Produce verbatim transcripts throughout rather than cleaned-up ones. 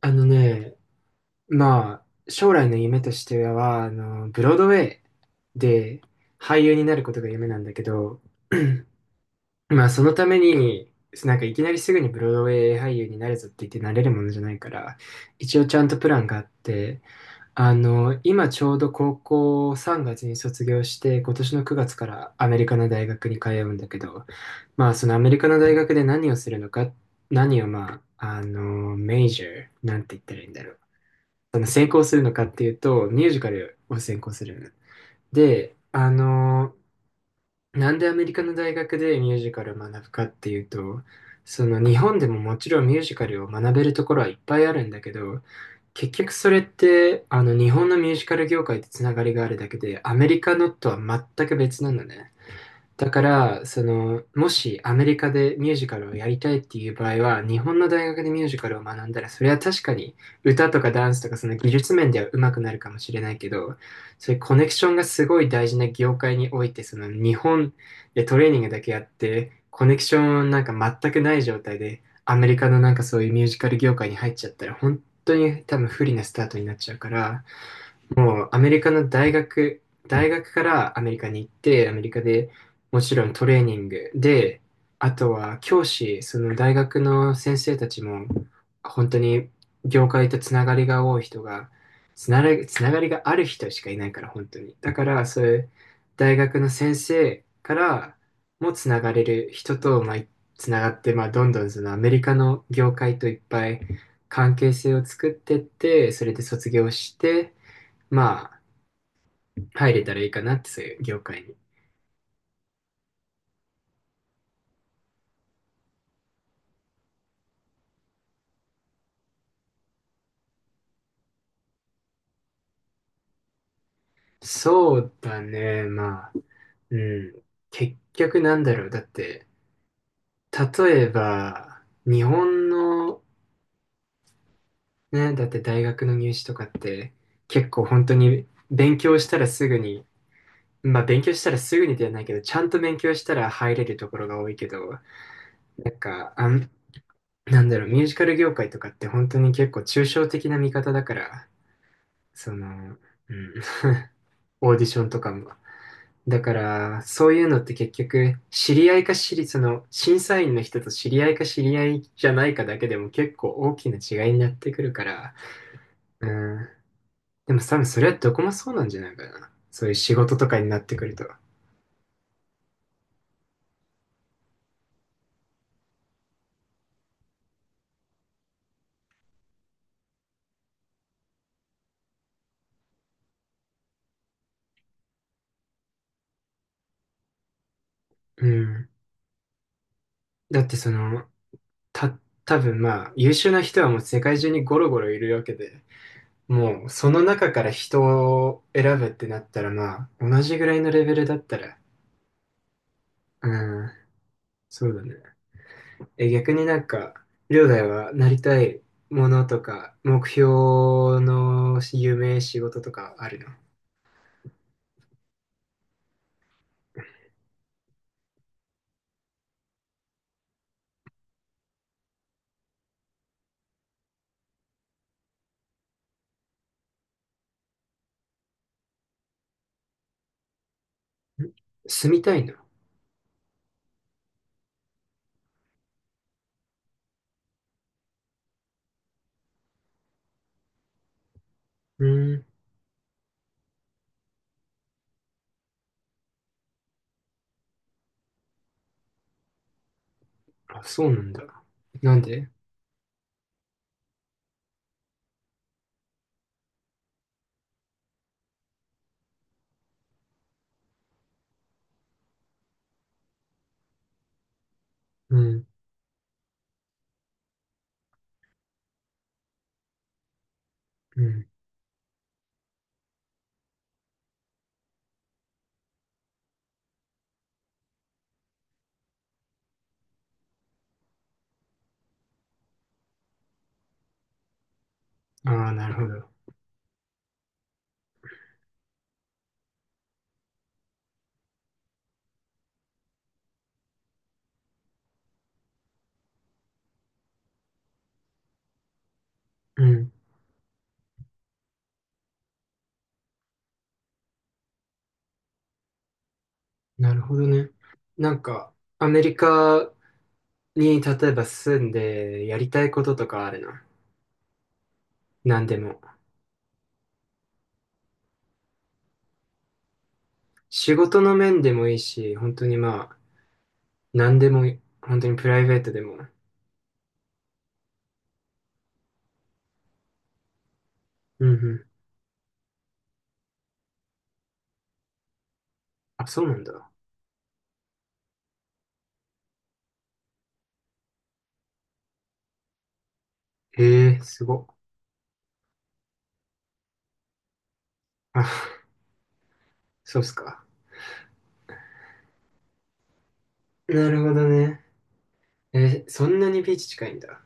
あのね、まあ、将来の夢としては、あの、ブロードウェイで俳優になることが夢なんだけど、まあ、そのために、なんかいきなりすぐにブロードウェイ俳優になるぞって言ってなれるものじゃないから、一応ちゃんとプランがあって、あの、今ちょうど高校さんがつに卒業して、今年のくがつからアメリカの大学に通うんだけど、まあ、そのアメリカの大学で何をするのか、何をまあ、あの、メジャーなんて言ったらいいんだろう。その専攻するのかっていうと、ミュージカルを専攻する。で、あの、なんでアメリカの大学でミュージカルを学ぶかっていうと、その日本でももちろんミュージカルを学べるところはいっぱいあるんだけど、結局それってあの日本のミュージカル業界とつながりがあるだけで、アメリカのとは全く別なのね。だから、その、もしアメリカでミュージカルをやりたいっていう場合は、日本の大学でミュージカルを学んだら、それは確かに歌とかダンスとかその技術面では上手くなるかもしれないけど、そういうコネクションがすごい大事な業界において、その日本でトレーニングだけやって、コネクションなんか全くない状態で、アメリカのなんかそういうミュージカル業界に入っちゃったら、本当に多分不利なスタートになっちゃうから、もうアメリカの大学、大学からアメリカに行って、アメリカでもちろんトレーニングで、あとは教師、その大学の先生たちも、本当に業界とつながりが多い人が、つながり、つながりがある人しかいないから、本当に。だから、そういう大学の先生からもつながれる人と、まあ、つながって、まあ、どんどんそのアメリカの業界といっぱい関係性を作ってって、それで卒業して、まあ、入れたらいいかなって、そういう業界に。そうだね、まあ、うん。結局なんだろう。だって、例えば、日本の、ね、だって大学の入試とかって、結構本当に勉強したらすぐに、まあ勉強したらすぐにではないけど、ちゃんと勉強したら入れるところが多いけど、なんか、あん、なんだろう、ミュージカル業界とかって本当に結構抽象的な見方だから、その、うん、オーディションとかもだから、そういうのって結局、知り合いか知り、その、審査員の人と知り合いか知り合いじゃないかだけでも結構大きな違いになってくるから、うん。でも多分それはどこもそうなんじゃないかな。そういう仕事とかになってくると。うん。だってその、た、多分まあ、優秀な人はもう世界中にゴロゴロいるわけで、もうその中から人を選ぶってなったらまあ、同じぐらいのレベルだったら、うん、そうだね。え、逆になんか、りょうだいはなりたいものとか、目標の夢、仕事とかあるの？住みたいの？うん。あ、そうなんだ。なんで？うん。うん。ああ、なるほど。うん。なるほどね。なんか、アメリカに例えば住んでやりたいこととかあるの？なんでも。仕事の面でもいいし、本当にまあ、なんでもいい、本当にプライベートでも。うんうん。あ、そうなんだ。へえ、すごっ。あ、そうっすか。なるほどね。え、そんなにビーチ近いんだ。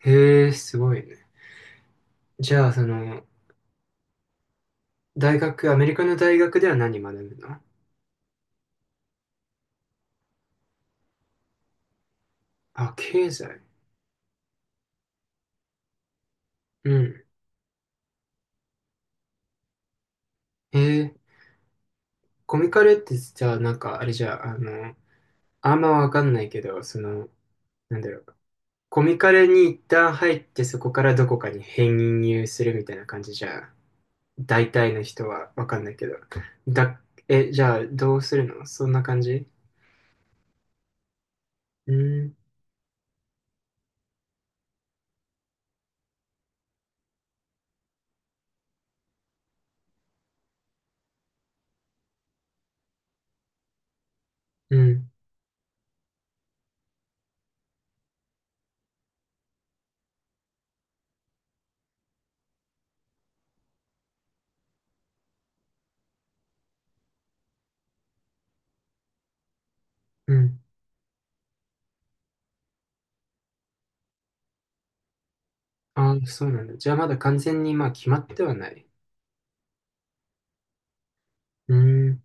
へえ、すごいね。じゃあ、その、大学、アメリカの大学では何学ぶの？あ、経済。うん。へえー、コミカルってさ、なんか、あれじゃあ、あの、あんまわかんないけど、その、なんだろう。コミカルに一旦入って、そこからどこかに編入するみたいな感じじゃ、大体の人はわかんないけど。だ、え、じゃあ、どうするのそんな感じ？うん、うん、うん。ああ、そうなんだ。じゃあまだ完全にまあ決まってはない。うーん。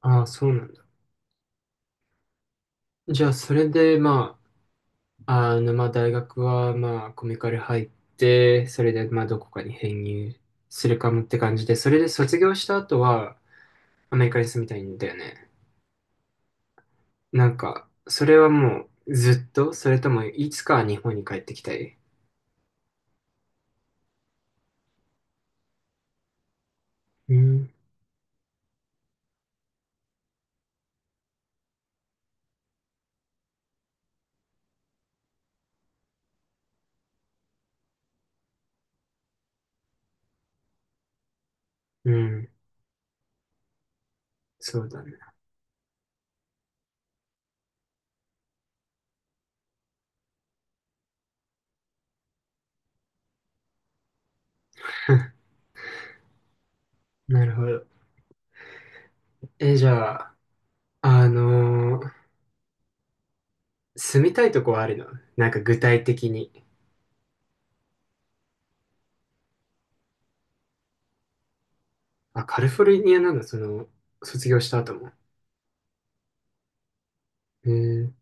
ああ、そうなんだ。じゃあそれでまあ、あのまあ大学はまあコミカル入って、それでまあどこかに編入するかもって感じで、それで卒業した後はアメリカに住みたいんだよね。なんか、それはもうずっと、それともいつかは日本に帰ってきたい？うん。うん。そうだね。なるほど。え、じゃあ、あのー住みたいとこはあるの？なんか具体的に。あ、カリフォルニアなんだ、その、卒業した後も。へえー、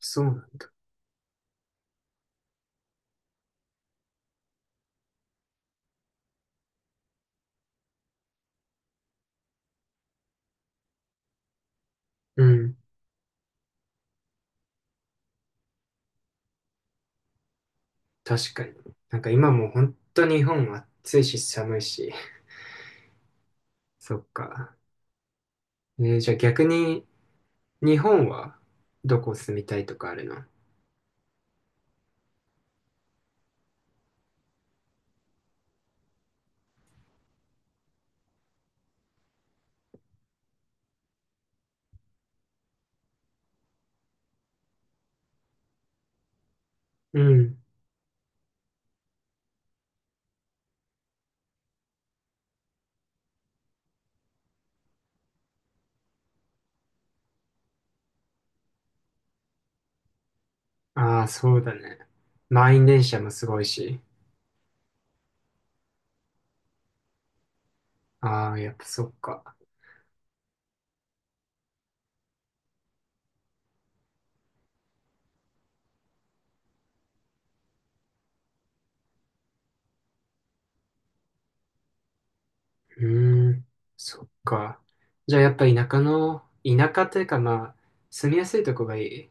そうなんだ。うん、確かに。なんか今もう本当日本暑いし寒いし。そっか。えー、じゃあ逆に、日本はどこ住みたいとかあるの？うん。ああ、そうだね。満員電車もすごいし。ああ、やっぱそっか。うーん、そっか。じゃあやっぱ田舎の、田舎というかまあ、住みやすいとこがいい。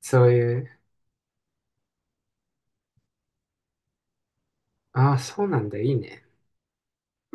そういう、ああ、そうなんだ、いいね。